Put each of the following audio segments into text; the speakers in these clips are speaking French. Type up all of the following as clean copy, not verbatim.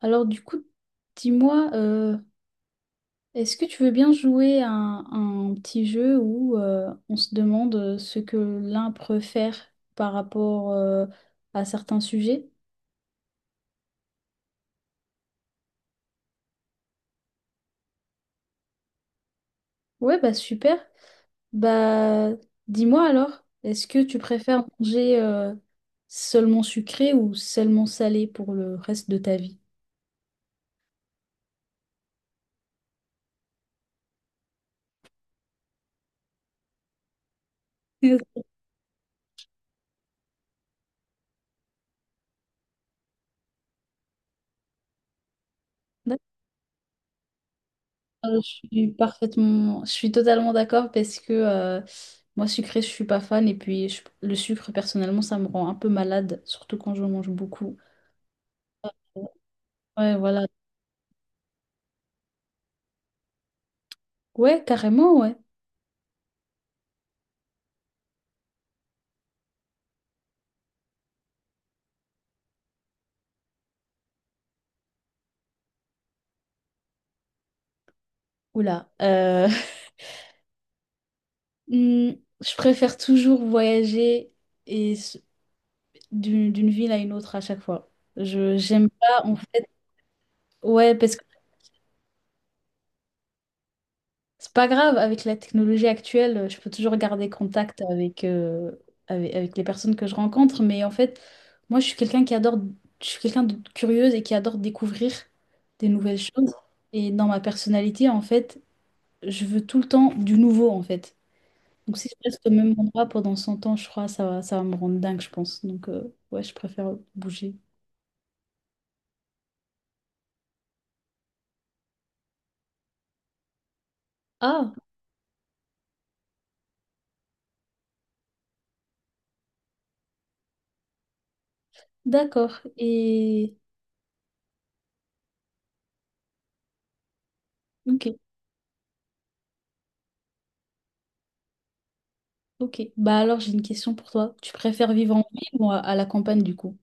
Alors du coup, dis-moi, est-ce que tu veux bien jouer à un petit jeu où on se demande ce que l'un préfère par rapport à certains sujets? Ouais, bah super. Bah dis-moi alors, est-ce que tu préfères manger seulement sucré ou seulement salé pour le reste de ta vie? D'accord. Je suis totalement d'accord parce que moi sucré, je suis pas fan et puis le sucre personnellement, ça me rend un peu malade, surtout quand je mange beaucoup. Ouais, voilà. Ouais, carrément, ouais. Oula. Hmm, je préfère toujours voyager et d'une ville à une autre à chaque fois. Je j'aime pas en fait. Ouais, parce que c'est pas grave, avec la technologie actuelle, je peux toujours garder contact avec les personnes que je rencontre, mais en fait, moi, je suis quelqu'un de curieuse et qui adore découvrir des nouvelles choses. Et dans ma personnalité, en fait, je veux tout le temps du nouveau, en fait. Donc si je reste au même endroit pendant 100 ans, je crois, ça va me rendre dingue, je pense. Donc ouais, je préfère bouger. Ah, d'accord. Ok, ok. Bah alors, j'ai une question pour toi. Tu préfères vivre en ville ou à la campagne, du coup?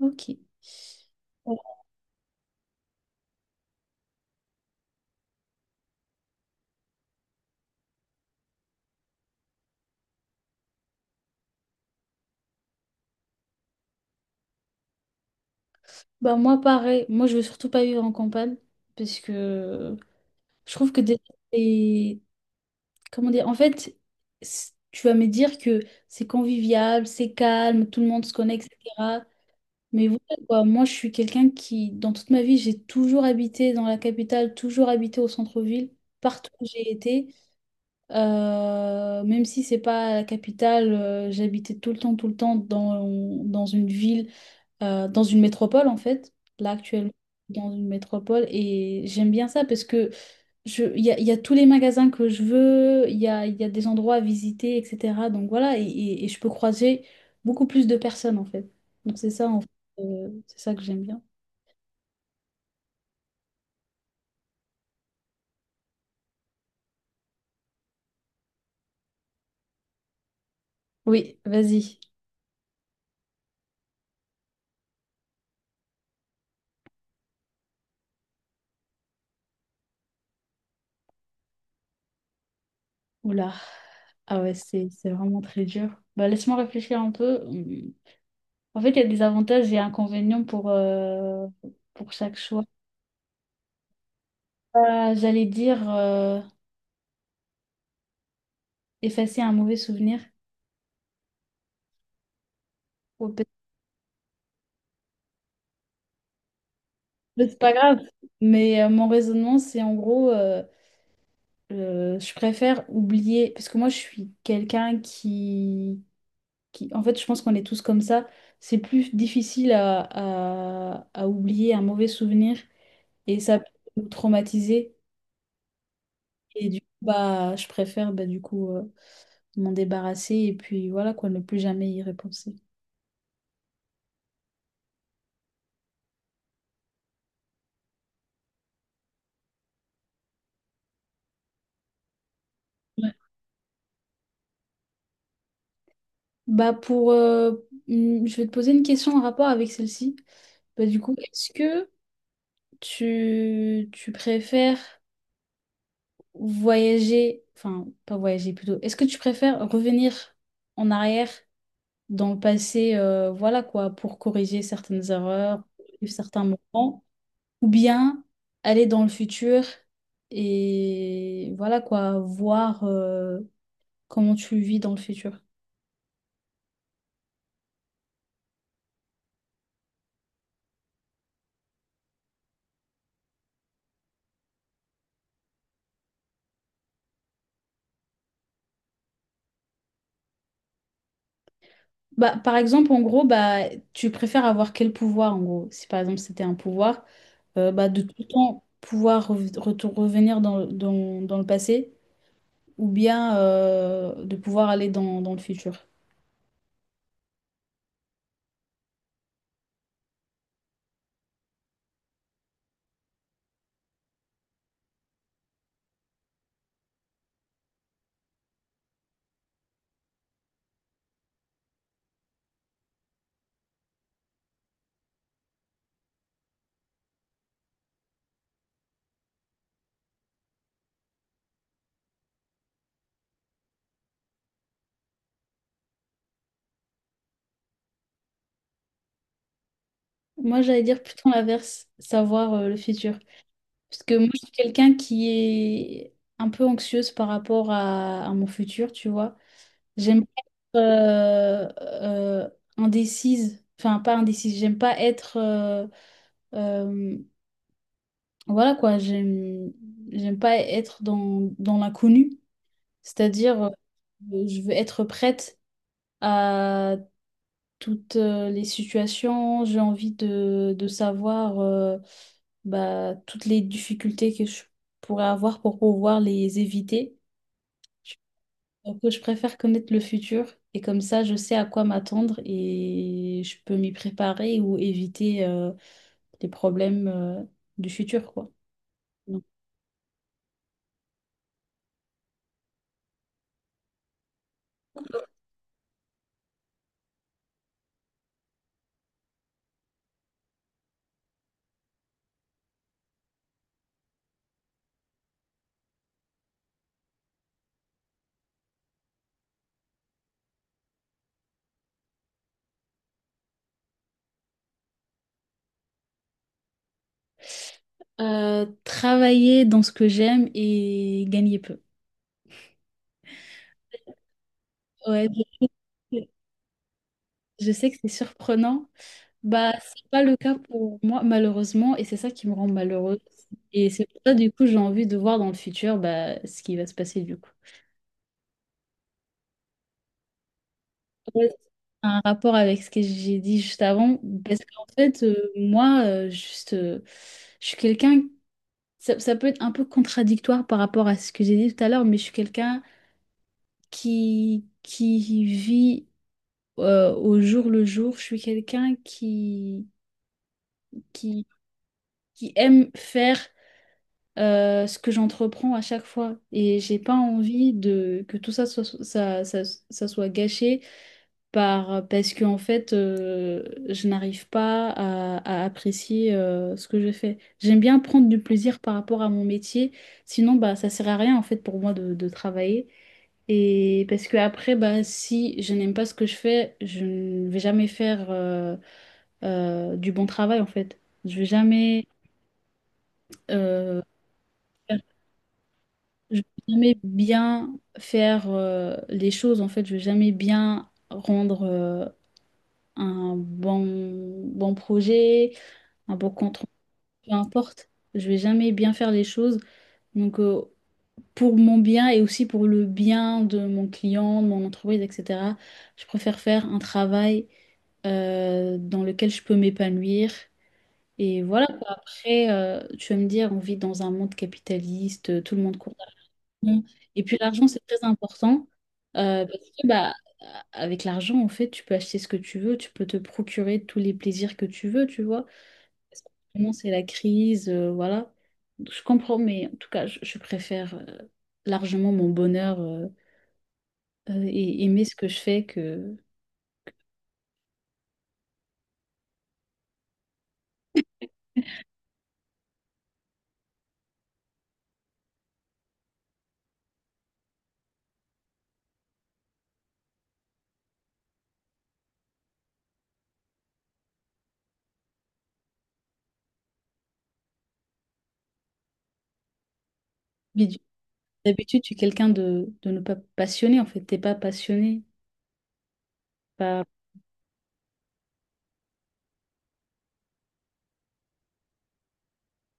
Ok. Bon, bah moi pareil, moi je veux surtout pas vivre en campagne parce que je trouve que déjà c'est- comment dire en fait, tu vas me dire que c'est convivial, c'est calme, tout le monde se connaît, etc. Mais voilà, quoi, moi je suis quelqu'un qui dans toute ma vie j'ai toujours habité dans la capitale, toujours habité au centre-ville, partout où j'ai été. Même si c'est pas la capitale, j'habitais tout le temps dans une ville dans une métropole en fait, là actuellement, dans une métropole. Et j'aime bien ça parce que il y a tous les magasins que je veux, il y a des endroits à visiter, etc. Donc voilà, et je peux croiser beaucoup plus de personnes en fait. Donc c'est ça, en fait, c'est ça que j'aime bien. Oui, vas-y. Oula. Ah ouais, c'est vraiment très dur. Bah, laisse-moi réfléchir un peu. Hum. En fait, il y a des avantages et inconvénients pour chaque choix. Ah, j'allais dire effacer un mauvais souvenir. Ouais, mais c'est pas grave, mais mon raisonnement, c'est en gros, je préfère oublier, parce que moi, je suis quelqu'un qui, en fait, je pense qu'on est tous comme ça. C'est plus difficile à oublier un mauvais souvenir et ça peut nous traumatiser. Et du coup, bah, je préfère, bah, du coup, m'en débarrasser et puis voilà, quoi, ne plus jamais y repenser. Ouais. Bah, je vais te poser une question en rapport avec celle-ci. Bah, du coup, est-ce que tu préfères voyager, enfin, pas voyager plutôt, est-ce que tu préfères revenir en arrière dans le passé, voilà quoi, pour corriger certaines erreurs, vivre certains moments, ou bien aller dans le futur et voilà quoi, voir comment tu vis dans le futur? Bah, par exemple, en gros, bah, tu préfères avoir quel pouvoir, en gros? Si par exemple c'était un pouvoir, bah, de tout le temps pouvoir revenir dans le passé ou bien de pouvoir aller dans le futur. Moi, j'allais dire plutôt l'inverse, savoir le futur. Parce que moi, je suis quelqu'un qui est un peu anxieuse par rapport à mon futur, tu vois. J'aime pas être euh, indécise, enfin pas indécise. J'aime pas être... euh, Voilà quoi, j'aime pas être dans l'inconnu, c'est-à-dire je veux être prête à toutes les situations, j'ai envie de savoir bah, toutes les difficultés que je pourrais avoir pour pouvoir les éviter. Je, donc, je préfère connaître le futur et comme ça je sais à quoi m'attendre et je peux m'y préparer ou éviter les problèmes du futur quoi. Travailler dans ce que j'aime et gagner peu. Ouais, sais je sais que c'est surprenant. Bah, c'est pas le cas pour moi, malheureusement, et c'est ça qui me rend malheureuse. Et c'est pour ça, du coup, j'ai envie de voir dans le futur bah, ce qui va se passer, du coup. Ouais, c'est un rapport avec ce que j'ai dit juste avant, parce qu'en fait, moi, juste, je suis quelqu'un, ça, ça peut être un peu contradictoire par rapport à ce que j'ai dit tout à l'heure, mais je suis quelqu'un qui vit au jour le jour. Je suis quelqu'un qui, qui aime faire ce que j'entreprends à chaque fois. Et j'ai pas envie de, que tout ça soit, ça soit gâché parce que, en fait, je n'arrive pas à apprécier ce que je fais. J'aime bien prendre du plaisir par rapport à mon métier. Sinon, bah, ça sert à rien, en fait, pour moi de travailler. Et parce que après, bah, si je n'aime pas ce que je fais, je ne vais jamais faire du bon travail en fait. Euh, faire- je vais jamais bien faire les choses en fait. Je vais jamais bien rendre un bon projet, un bon compte, peu importe. Je vais jamais bien faire les choses. Donc pour mon bien et aussi pour le bien de mon client, de mon entreprise, etc. Je préfère faire un travail dans lequel je peux m'épanouir. Et voilà quoi. Après, tu vas me dire, on vit dans un monde capitaliste, tout le monde court d'argent. Et puis l'argent, c'est très important parce que bah, avec l'argent, en fait, tu peux acheter ce que tu veux, tu peux te procurer tous les plaisirs que tu veux, tu vois. Parce que vraiment, c'est la crise, voilà. Je comprends, mais en tout cas, je préfère largement mon bonheur et aimer ce que je fais que... D'habitude, tu es quelqu'un de ne pas passionné, en fait. T'es pas passionné. Pas...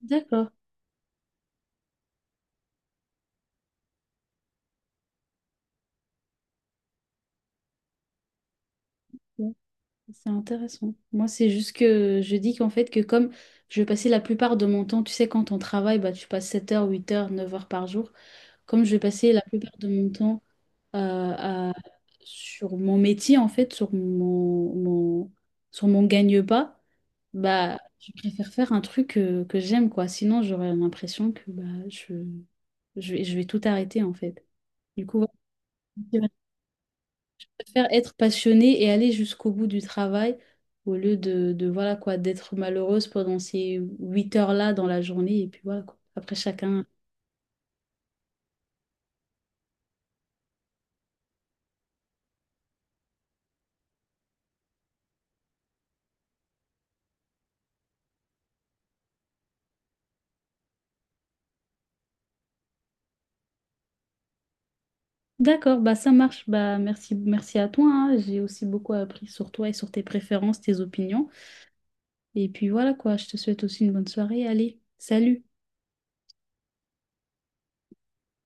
D'accord. C'est intéressant. Moi, c'est juste que je dis qu'en fait, que comme je passais la plupart de mon temps, tu sais, quand on travaille, bah, tu passes 7 heures, 8 heures, 9 heures par jour. Comme je passais la plupart de mon temps euh, à- sur mon métier, en fait, sur mon gagne-pas, bah, je préfère faire un truc que j'aime, quoi. Sinon, j'aurais l'impression que bah, je, je vais tout arrêter, en fait. Du coup, voilà préfère être passionnée et aller jusqu'au bout du travail au lieu de voilà quoi, d'être malheureuse pendant ces 8 heures-là dans la journée et puis voilà quoi. Après chacun. D'accord, bah ça marche. Bah merci, merci à toi. Hein. J'ai aussi beaucoup appris sur toi et sur tes préférences, tes opinions. Et puis voilà quoi, je te souhaite aussi une bonne soirée. Allez, salut.